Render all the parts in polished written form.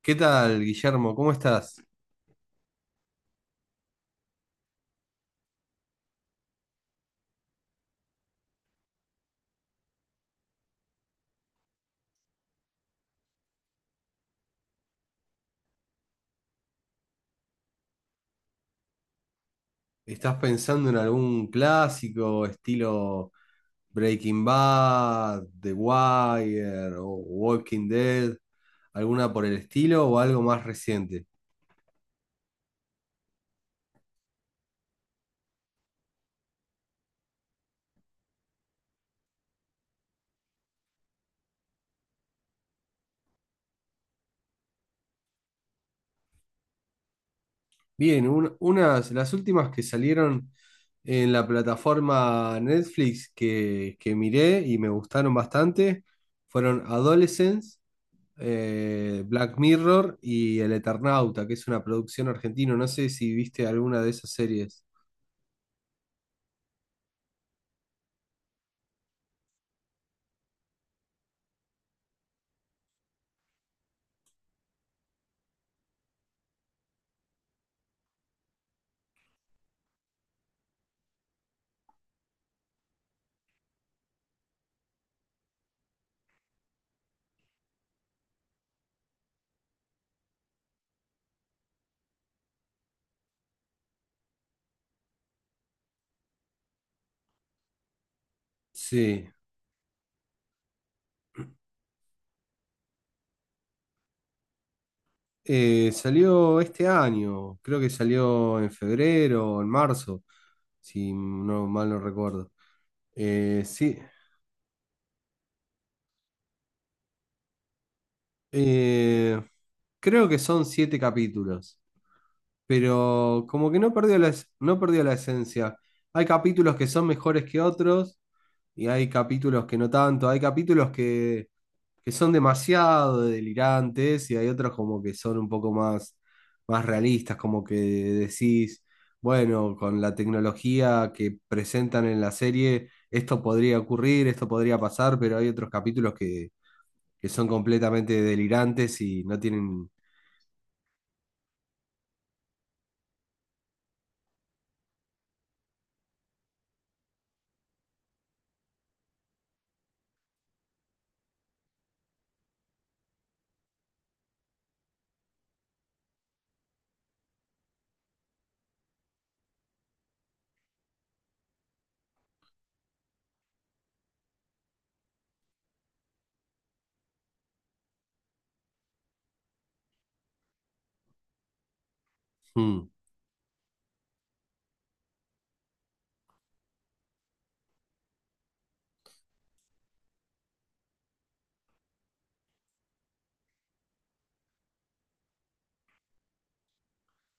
¿Qué tal, Guillermo? ¿Cómo estás? ¿Estás pensando en algún clásico estilo Breaking Bad, The Wire o Walking Dead? ¿Alguna por el estilo o algo más reciente? Bien, las últimas que salieron en la plataforma Netflix que miré y me gustaron bastante fueron Adolescence, Black Mirror y El Eternauta, que es una producción argentina. No sé si viste alguna de esas series. Sí, salió este año, creo que salió en febrero o en marzo, si no mal no recuerdo. Eh, sí, eh, creo que son siete capítulos, pero como que no perdió no perdió la esencia. Hay capítulos que son mejores que otros, y hay capítulos que no tanto, que son demasiado delirantes y hay otros como que son un poco más, más realistas, como que decís, bueno, con la tecnología que presentan en la serie, esto podría ocurrir, esto podría pasar, pero hay que son completamente delirantes y no tienen. Mm.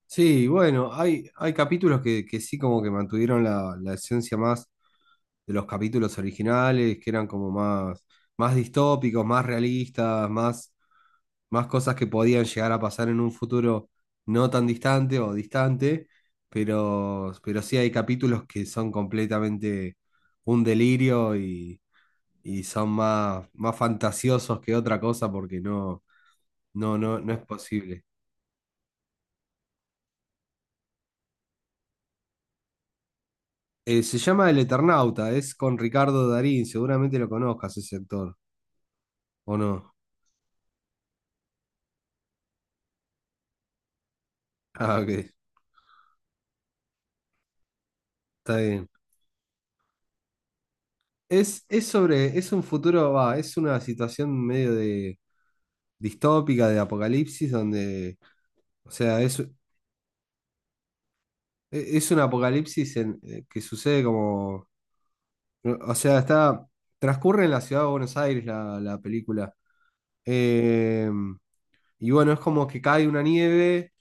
Sí, bueno, hay capítulos que sí como que mantuvieron la esencia más de los capítulos originales, que eran como más, más distópicos, más realistas, más, más cosas que podían llegar a pasar en un futuro no tan distante o distante, pero sí hay capítulos que son completamente un delirio y son más, más fantasiosos que otra cosa porque no es posible. Se llama El Eternauta, es con Ricardo Darín, seguramente lo conozcas ese actor, ¿o no? Ah, ok, está bien. Es sobre, es un futuro, va, es una situación medio de distópica, de apocalipsis, donde, o sea, es un apocalipsis que sucede como, no, o sea, está, transcurre en la ciudad de Buenos Aires la película. Eh, y bueno, es como que cae una nieve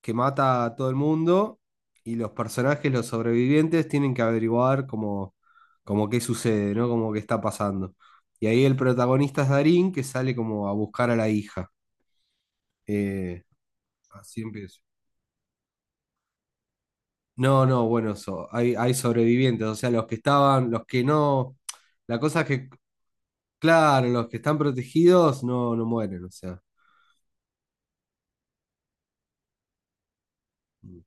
que mata a todo el mundo y los personajes, los sobrevivientes, tienen que averiguar como, como qué sucede, ¿no? Como qué está pasando. Y ahí el protagonista es Darín, que sale como a buscar a la hija. Eh, así empieza. No, no, bueno, hay, hay sobrevivientes, o sea, los que estaban, los que no, la cosa es que, claro, los que están protegidos no, no mueren, o sea. Mm,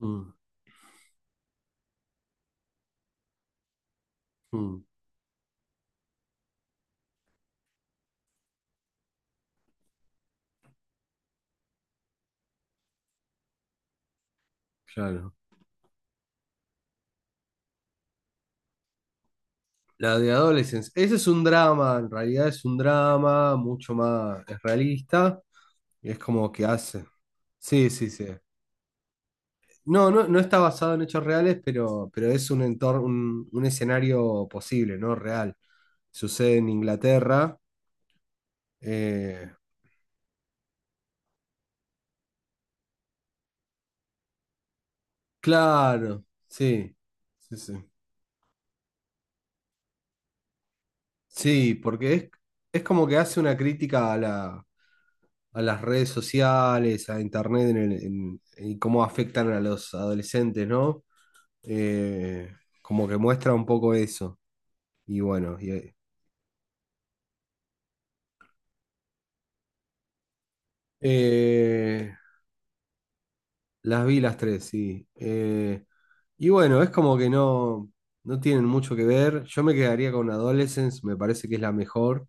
mm, mm, claro. La de Adolescence. Ese es un drama, en realidad es un drama mucho más es realista. Y es como que hace. Sí, sí, sí. No, no, no está basado en hechos reales, pero es un entorno, un escenario posible, ¿no? Real. Sucede en Inglaterra. Eh, claro, sí. Sí, sí. Sí, porque es como que hace una crítica a a las redes sociales, a internet y cómo afectan a los adolescentes, ¿no? Eh, como que muestra un poco eso. Y bueno, eh, las vi las tres, sí. Y bueno, es como que no tienen mucho que ver. Yo me quedaría con Adolescence, me parece que es la mejor,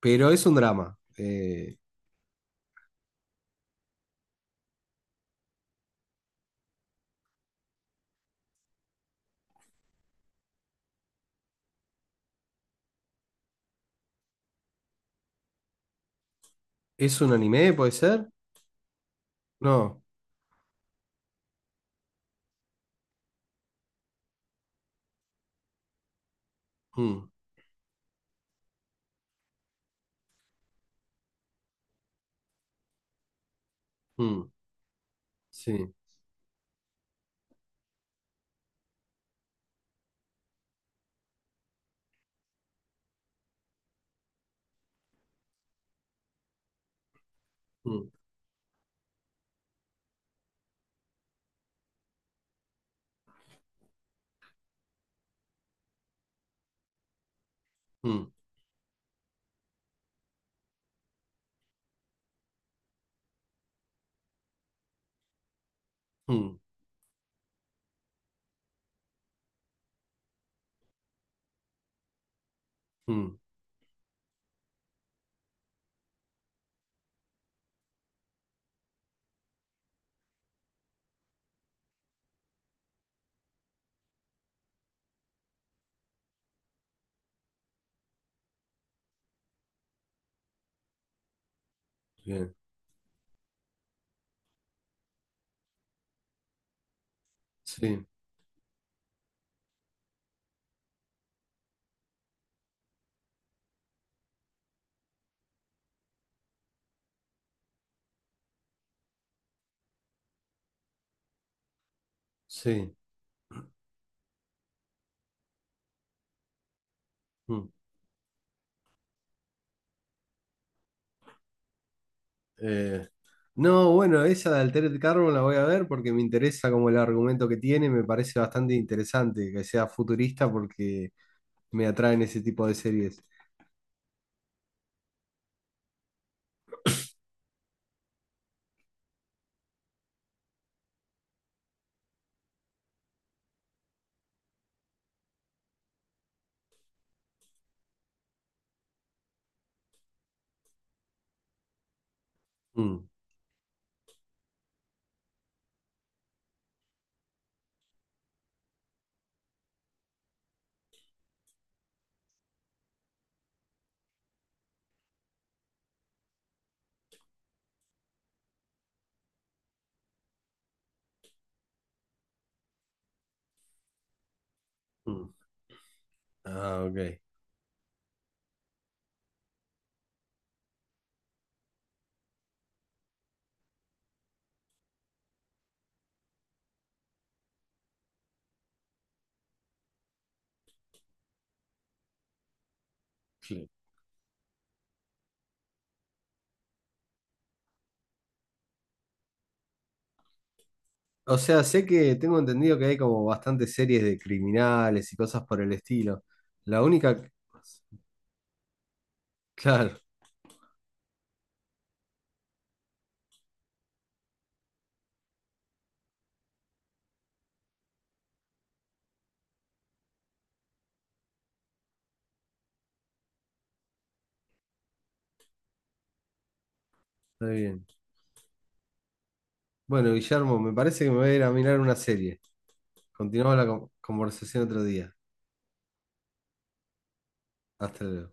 pero es un drama. ¿Es un anime, puede ser? No. Mm, mm, sí, mm, mm, mm, mm, bien, sí, sí. Mm. Eh, no, bueno, esa de Altered Carbon la voy a ver porque me interesa como el argumento que tiene, me parece bastante interesante que sea futurista porque me atraen ese tipo de series. Mm, mm. Ah, ok. Sí. O sea, sé que tengo entendido que hay como bastantes series de criminales y cosas por el estilo. La única. Claro, está bien. Bueno, Guillermo, me parece que me voy a ir a mirar una serie. Continuamos la conversación otro día. Hasta luego.